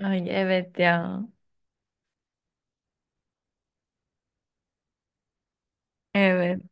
Ay evet ya. Evet.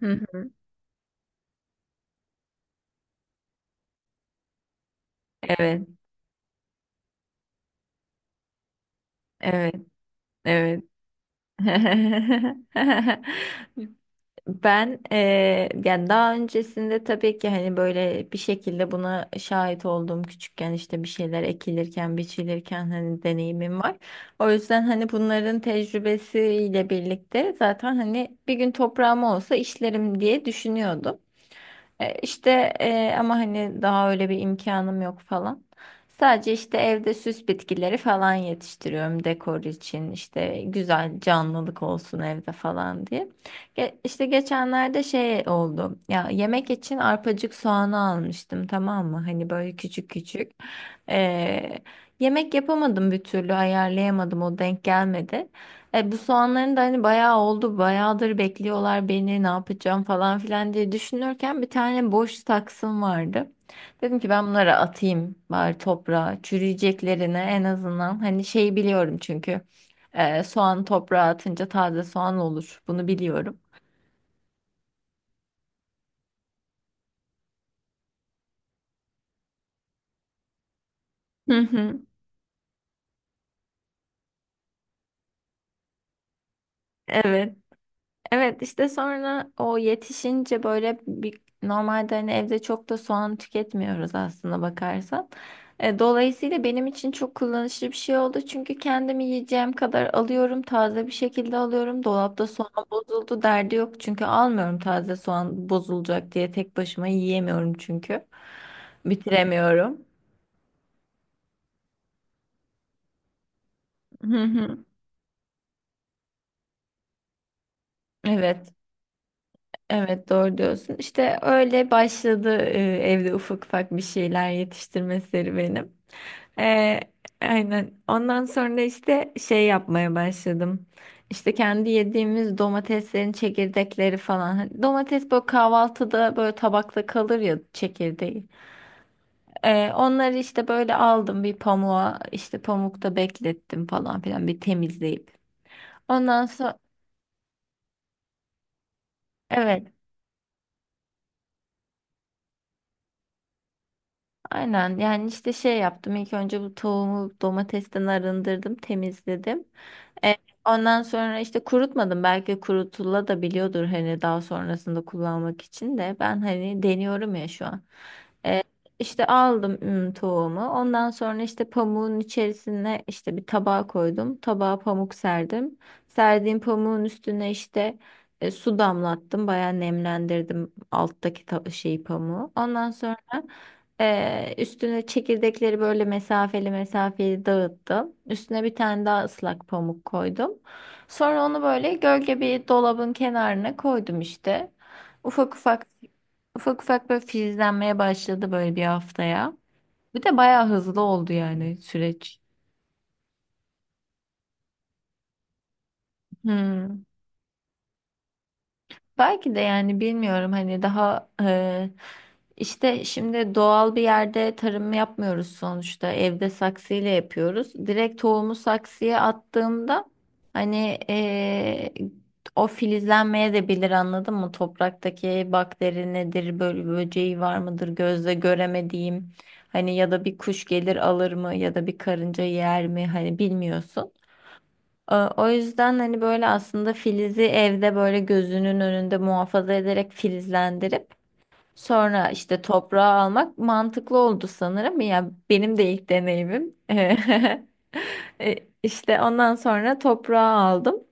Hı hı. Evet. Evet. Evet. Ben yani daha öncesinde tabii ki hani böyle bir şekilde buna şahit olduğum küçükken işte bir şeyler ekilirken, biçilirken hani deneyimim var. O yüzden hani bunların tecrübesiyle birlikte zaten hani bir gün toprağım olsa işlerim diye düşünüyordum. İşte ama hani daha öyle bir imkanım yok falan. Sadece işte evde süs bitkileri falan yetiştiriyorum dekor için. İşte güzel canlılık olsun evde falan diye. İşte geçenlerde şey oldu. Ya yemek için arpacık soğanı almıştım, tamam mı? Hani böyle küçük küçük. E, Yemek yapamadım, bir türlü ayarlayamadım, o denk gelmedi. Bu soğanların da hani bayağı oldu, bayağıdır bekliyorlar beni, ne yapacağım falan filan diye düşünürken bir tane boş taksım vardı. Dedim ki ben bunları atayım bari toprağa, çürüyeceklerine en azından. Hani şey, biliyorum çünkü soğan toprağa atınca taze soğan olur, bunu biliyorum. Hı hı. Evet. Evet işte sonra o yetişince böyle bir, normalde hani evde çok da soğan tüketmiyoruz aslında bakarsan. Dolayısıyla benim için çok kullanışlı bir şey oldu. Çünkü kendimi yiyeceğim kadar alıyorum. Taze bir şekilde alıyorum. Dolapta soğan bozuldu derdi yok. Çünkü almıyorum, taze soğan bozulacak diye. Tek başıma yiyemiyorum çünkü. Bitiremiyorum. Hı hı. Evet. Evet doğru diyorsun. İşte öyle başladı evde ufak ufak bir şeyler yetiştirme serüvenim. E, aynen. Ondan sonra işte şey yapmaya başladım. İşte kendi yediğimiz domateslerin çekirdekleri falan. Hani domates böyle kahvaltıda böyle tabakta kalır ya çekirdeği. Onları işte böyle aldım bir pamuğa, işte pamukta beklettim falan filan bir temizleyip. Ondan sonra evet. Aynen yani işte şey yaptım, ilk önce bu tavuğumu domatesten arındırdım, temizledim. E, Ondan sonra işte kurutmadım, belki kurutula da biliyordur hani daha sonrasında kullanmak için, de ben hani deniyorum ya şu an. E, işte aldım tavuğumu, ondan sonra işte pamuğun içerisine işte bir tabağa koydum, tabağa pamuk serdim. Serdiğim pamuğun üstüne işte su damlattım, bayağı nemlendirdim alttaki şeyi, pamuğu, ondan sonra üstüne çekirdekleri böyle mesafeli mesafeli dağıttım. Üstüne bir tane daha ıslak pamuk koydum. Sonra onu böyle gölge bir dolabın kenarına koydum işte. Ufak ufak ufak ufak böyle filizlenmeye başladı böyle bir haftaya. Bir de bayağı hızlı oldu yani süreç. Hmm. Belki de yani, bilmiyorum hani daha işte şimdi doğal bir yerde tarım yapmıyoruz sonuçta, evde saksıyla yapıyoruz. Direkt tohumu saksıya attığımda hani o filizlenmeye de bilir, anladın mı? Topraktaki bakteri nedir, böyle böceği var mıdır gözle göremediğim, hani ya da bir kuş gelir alır mı ya da bir karınca yer mi, hani bilmiyorsun. O yüzden hani böyle aslında filizi evde böyle gözünün önünde muhafaza ederek filizlendirip sonra işte toprağa almak mantıklı oldu sanırım. Ya benim de ilk deneyimim. E, İşte ondan sonra toprağa aldım.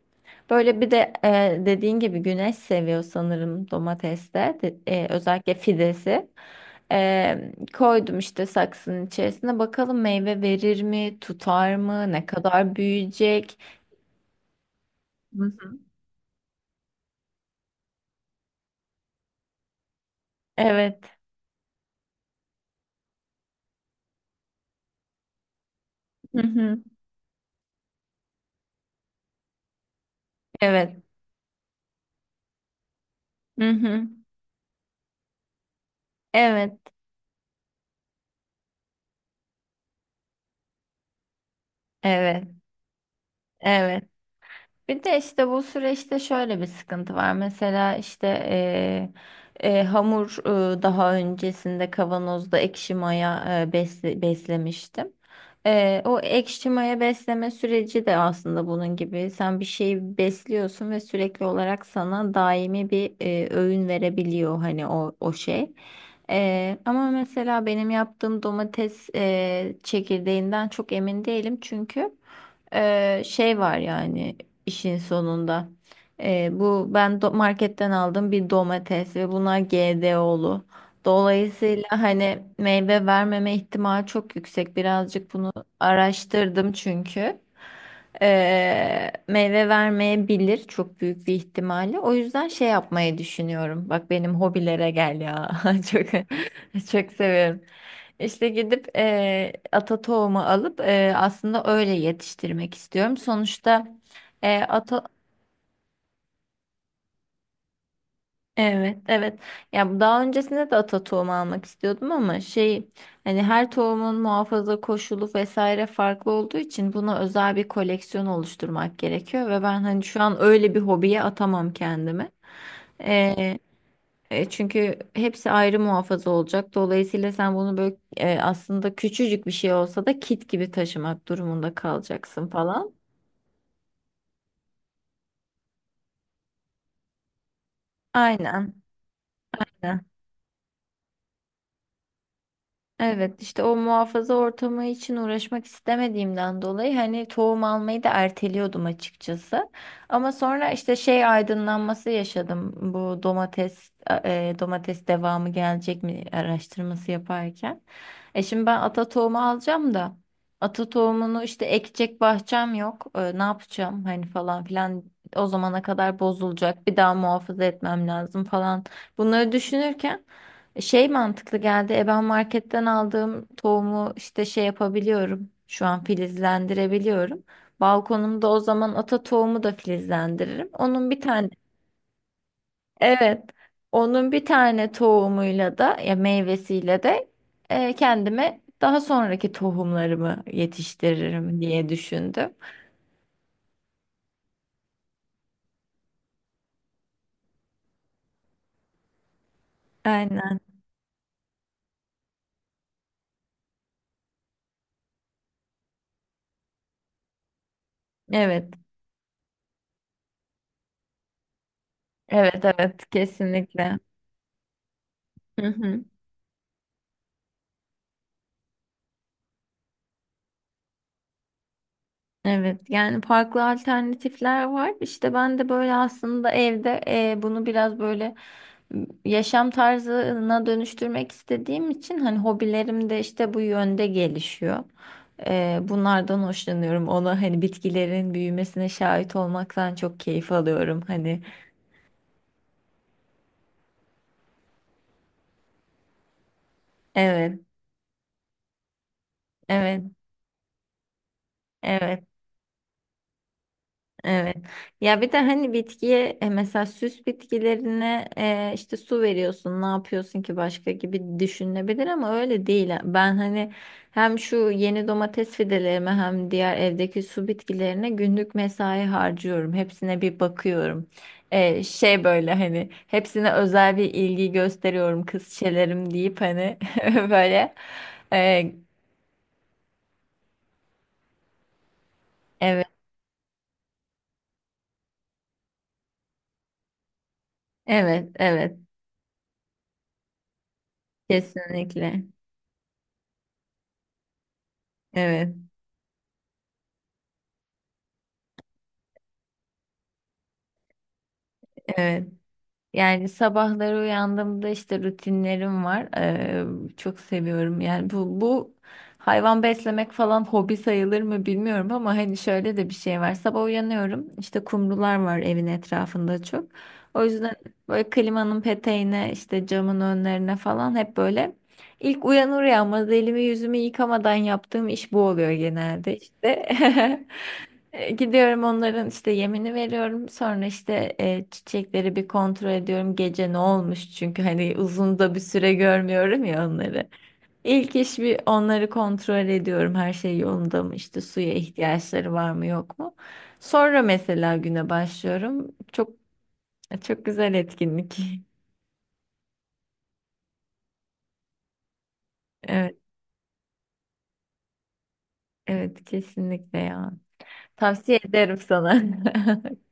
Böyle bir de dediğin gibi güneş seviyor sanırım domateste. Özellikle fidesi. Koydum işte saksının içerisine. Bakalım meyve verir mi, tutar mı, ne kadar büyüyecek. Evet. Hı hı. Evet. Hı hı. Evet. Evet. Evet. Bir de işte bu süreçte şöyle bir sıkıntı var. Mesela işte hamur daha öncesinde kavanozda ekşi maya beslemiştim. O ekşi maya besleme süreci de aslında bunun gibi. Sen bir şeyi besliyorsun ve sürekli olarak sana daimi bir öğün verebiliyor hani o şey. Ama mesela benim yaptığım domates çekirdeğinden çok emin değilim çünkü. Şey var yani işin sonunda. Bu ben marketten aldım bir domates ve bunlar GDO'lu. Dolayısıyla hani meyve vermeme ihtimali çok yüksek. Birazcık bunu araştırdım çünkü. Meyve vermeyebilir çok büyük bir ihtimalle. O yüzden şey yapmayı düşünüyorum. Bak benim hobilere gel ya. Çok. Çok seviyorum. İşte gidip ata tohumu alıp, aslında öyle yetiştirmek istiyorum. Sonuçta ata, evet evet. Ya daha öncesinde de ata tohumu almak istiyordum ama şey, hani her tohumun muhafaza koşulu vesaire farklı olduğu için buna özel bir koleksiyon oluşturmak gerekiyor ve ben hani şu an öyle bir hobiye atamam kendimi. Çünkü hepsi ayrı muhafaza olacak. Dolayısıyla sen bunu böyle aslında küçücük bir şey olsa da kit gibi taşımak durumunda kalacaksın falan. Aynen. Evet, işte o muhafaza ortamı için uğraşmak istemediğimden dolayı hani tohum almayı da erteliyordum açıkçası. Ama sonra işte şey aydınlanması yaşadım, bu domates domates devamı gelecek mi araştırması yaparken. E şimdi ben ata tohumu alacağım da ata tohumunu işte ekecek bahçem yok. E, ne yapacağım hani falan filan, o zamana kadar bozulacak, bir daha muhafaza etmem lazım falan, bunları düşünürken şey mantıklı geldi. E ben marketten aldığım tohumu işte şey yapabiliyorum. Şu an filizlendirebiliyorum. Balkonumda o zaman ata tohumu da filizlendiririm. Onun bir tane evet. Onun bir tane tohumuyla da ya meyvesiyle de kendime daha sonraki tohumlarımı yetiştiririm diye düşündüm. Aynen. Evet. Evet evet kesinlikle. Hı hı. Evet yani farklı alternatifler var. İşte ben de böyle aslında evde bunu biraz böyle yaşam tarzına dönüştürmek istediğim için hani hobilerim de işte bu yönde gelişiyor. Bunlardan hoşlanıyorum. Ona hani bitkilerin büyümesine şahit olmaktan çok keyif alıyorum. Hani evet, evet, evet. Evet. Ya bir de hani bitkiye mesela süs bitkilerine işte su veriyorsun, ne yapıyorsun ki başka gibi düşünülebilir ama öyle değil. Ben hani hem şu yeni domates fidelerime hem diğer evdeki su bitkilerine günlük mesai harcıyorum. Hepsine bir bakıyorum. Şey böyle hani hepsine özel bir ilgi gösteriyorum, kız çelerim deyip hani böyle. E, evet, evet, evet. Kesinlikle. Evet, evet. Yani sabahları uyandığımda işte rutinlerim var. Çok seviyorum. Yani bu hayvan beslemek falan hobi sayılır mı bilmiyorum ama hani şöyle de bir şey var. Sabah uyanıyorum. İşte kumrular var evin etrafında çok. O yüzden böyle klimanın peteğine işte camın önlerine falan hep böyle ilk uyanır uyanmaz elimi yüzümü yıkamadan yaptığım iş bu oluyor genelde işte. Gidiyorum, onların işte yemini veriyorum. Sonra işte çiçekleri bir kontrol ediyorum. Gece ne olmuş çünkü hani uzun da bir süre görmüyorum ya onları. İlk iş bir onları kontrol ediyorum. Her şey yolunda mı? İşte suya ihtiyaçları var mı yok mu? Sonra mesela güne başlıyorum. Çok çok güzel etkinlik. Evet, evet kesinlikle ya. Tavsiye ederim sana.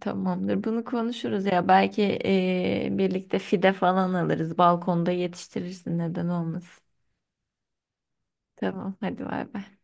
Tamamdır. Bunu konuşuruz ya. Belki birlikte fide falan alırız. Balkonda yetiştirirsin. Neden olmasın? Tamam. Hadi bay bay.